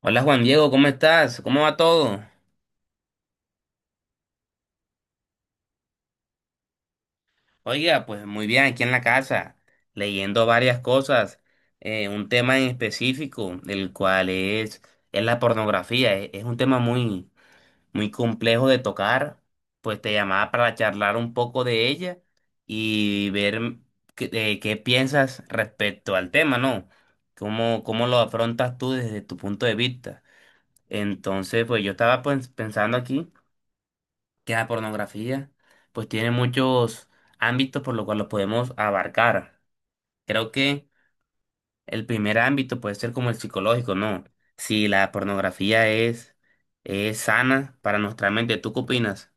Hola Juan Diego, ¿cómo estás? ¿Cómo va todo? Oiga, pues muy bien aquí en la casa, leyendo varias cosas, un tema en específico, el cual es la pornografía. Es un tema muy, muy complejo de tocar, pues te llamaba para charlar un poco de ella y ver qué, qué piensas respecto al tema, ¿no? ¿¿Cómo lo afrontas tú desde tu punto de vista? Entonces, pues yo estaba, pues, pensando aquí, que la pornografía pues tiene muchos ámbitos por lo cual los podemos abarcar. Creo que el primer ámbito puede ser como el psicológico, ¿no? Si la pornografía es sana para nuestra mente, ¿tú qué opinas?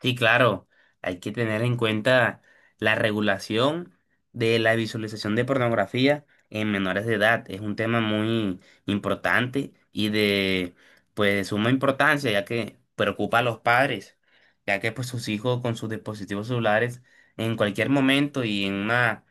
Sí, claro, hay que tener en cuenta la regulación de la visualización de pornografía en menores de edad. Es un tema muy importante y de, pues de suma importancia, ya que preocupa a los padres, ya que pues sus hijos con sus dispositivos celulares en cualquier momento y en una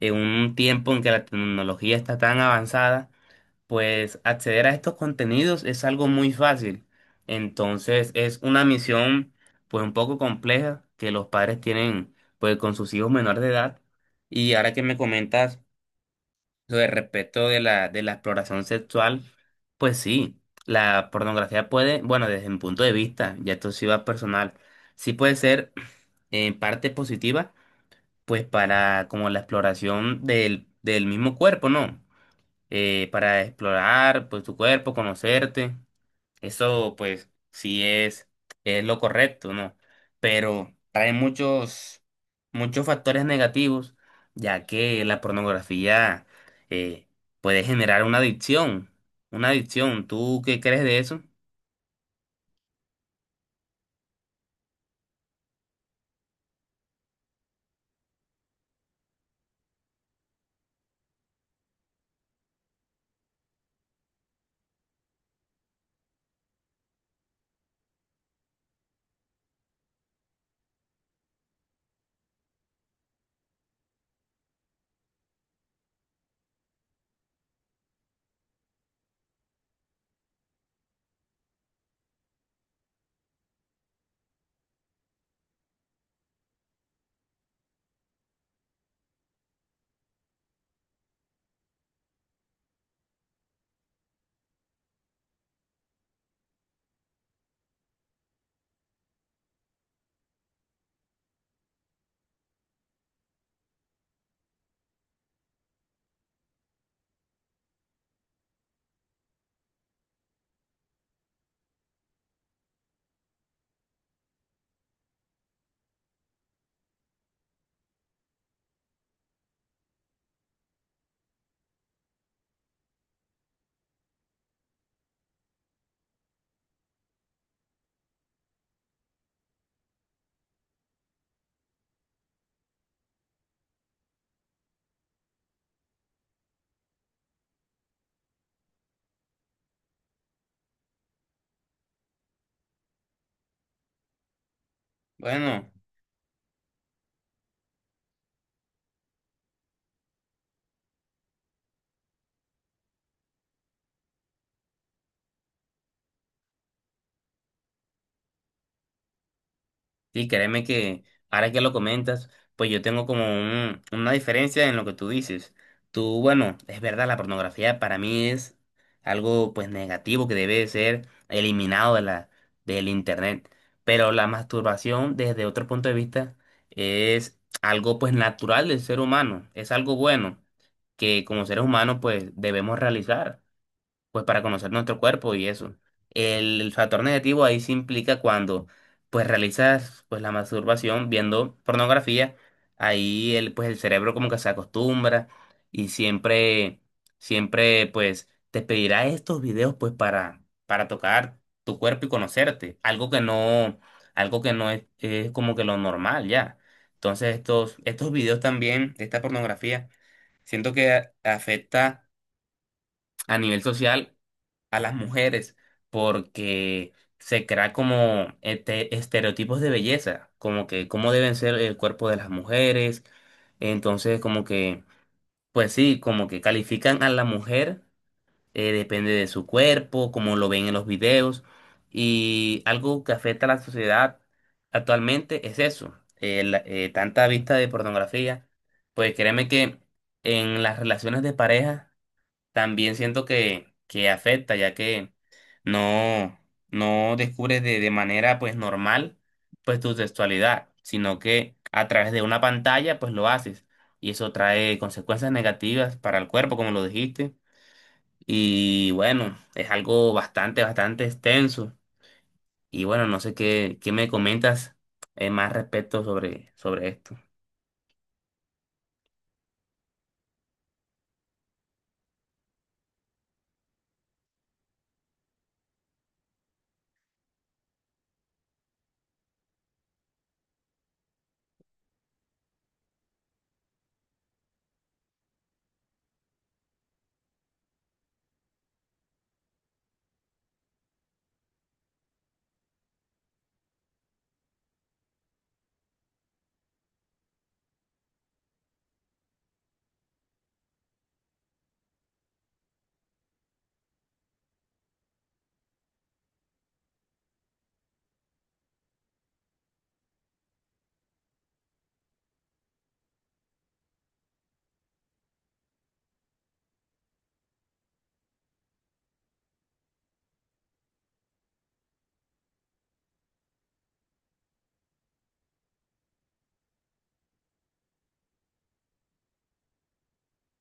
en un tiempo en que la tecnología está tan avanzada, pues acceder a estos contenidos es algo muy fácil. Entonces es una misión pues un poco compleja que los padres tienen pues con sus hijos menores de edad. Y ahora que me comentas sobre, respecto de la exploración sexual, pues sí, la pornografía puede, bueno, desde mi punto de vista, ya esto sí va personal, sí puede ser en parte positiva, pues para como la exploración del mismo cuerpo, ¿no? Para explorar pues tu cuerpo, conocerte. Eso pues sí es lo correcto, ¿no? Pero trae muchos, muchos factores negativos, ya que la pornografía, eh, puede generar una adicción, una adicción. ¿Tú qué crees de eso? Bueno. Sí, créeme que ahora que lo comentas, pues yo tengo como un- una diferencia en lo que tú dices. Tú, bueno, es verdad, la pornografía para mí es algo pues negativo que debe de ser eliminado de del internet. Pero la masturbación desde otro punto de vista es algo pues natural del ser humano, es algo bueno que como seres humanos pues debemos realizar pues para conocer nuestro cuerpo y eso. El factor negativo ahí se implica cuando pues realizas pues la masturbación viendo pornografía. Ahí el, pues el cerebro como que se acostumbra y siempre, siempre pues te pedirá estos videos pues para tocar tu cuerpo y conocerte, algo que no, algo que no es, es como que lo normal ya. Entonces, estos videos también, esta pornografía, siento que a- afecta a nivel social a las mujeres, porque se crea como este, estereotipos de belleza, como que cómo deben ser el cuerpo de las mujeres. Entonces, como que, pues sí, como que califican a la mujer, depende de su cuerpo, como lo ven en los videos. Y algo que afecta a la sociedad actualmente es eso, la- tanta vista de pornografía. Pues créeme que en las relaciones de pareja también siento que afecta, ya que no, no descubres de manera pues normal pues tu sexualidad, sino que a través de una pantalla pues lo haces. Y eso trae consecuencias negativas para el cuerpo, como lo dijiste. Y bueno, es algo bastante, bastante extenso. Y bueno, no sé qué, qué me comentas más respecto sobre, sobre esto.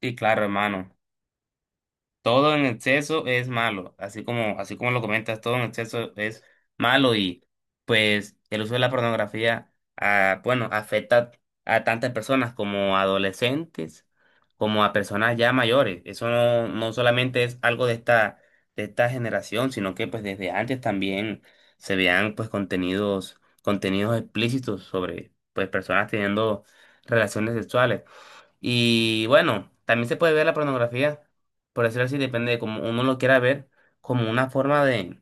Sí, claro, hermano. Todo en exceso es malo, así como lo comentas, todo en exceso es malo. Y pues el uso de la pornografía, ah, bueno, afecta a tantas personas, como adolescentes, como a personas ya mayores. Eso no, no solamente es algo de esta generación, sino que pues desde antes también se vean pues contenidos, contenidos explícitos sobre pues personas teniendo relaciones sexuales. Y bueno, también se puede ver la pornografía, por decirlo así, depende de cómo uno lo quiera ver, como una forma de,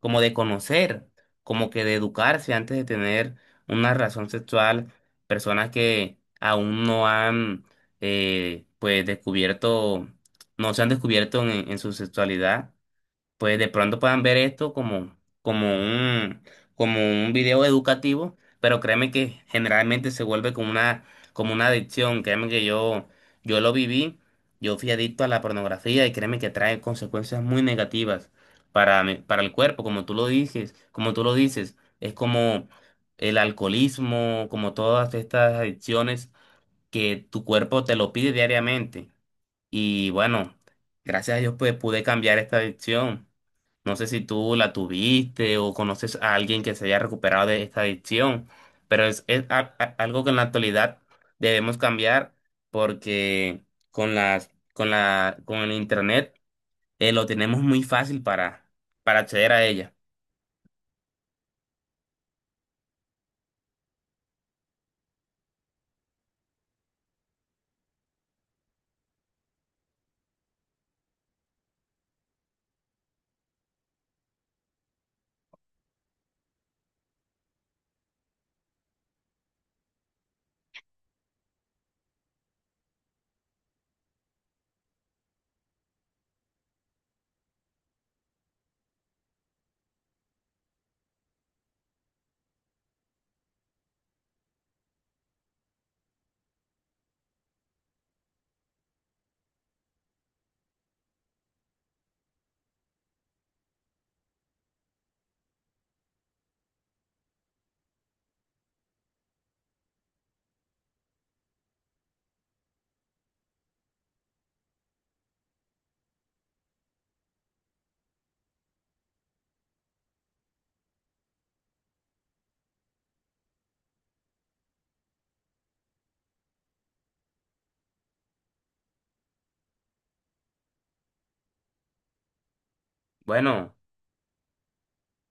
como de conocer, como que de educarse antes de tener una relación sexual. Personas que aún no han, pues, descubierto, no se han descubierto en su sexualidad, pues de pronto puedan ver esto como, como un, como un video educativo, pero créeme que generalmente se vuelve como una adicción. Créeme que yo lo viví, yo fui adicto a la pornografía y créeme que trae consecuencias muy negativas para mi- para el cuerpo, como tú lo dices, como tú lo dices, es como el alcoholismo, como todas estas adicciones que tu cuerpo te lo pide diariamente. Y bueno, gracias a Dios pues pude cambiar esta adicción. No sé si tú la tuviste o conoces a alguien que se haya recuperado de esta adicción, pero es a- algo que en la actualidad debemos cambiar, porque con las, con la, con el internet, lo tenemos muy fácil para acceder a ella. Bueno.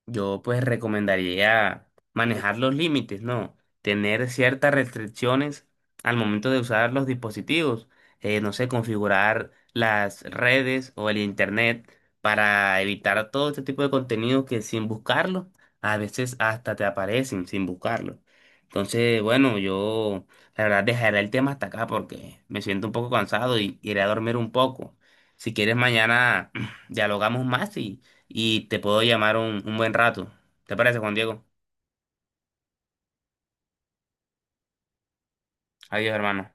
Yo pues recomendaría manejar los límites, ¿no? Tener ciertas restricciones al momento de usar los dispositivos. No sé, configurar las redes o el internet para evitar todo este tipo de contenido que sin buscarlo, a veces hasta te aparecen sin buscarlo. Entonces, bueno, yo la verdad dejaré el tema hasta acá porque me siento un poco cansado y iré a dormir un poco. Si quieres, mañana dialogamos más y te puedo llamar un buen rato. ¿Te parece, Juan Diego? Adiós, hermano.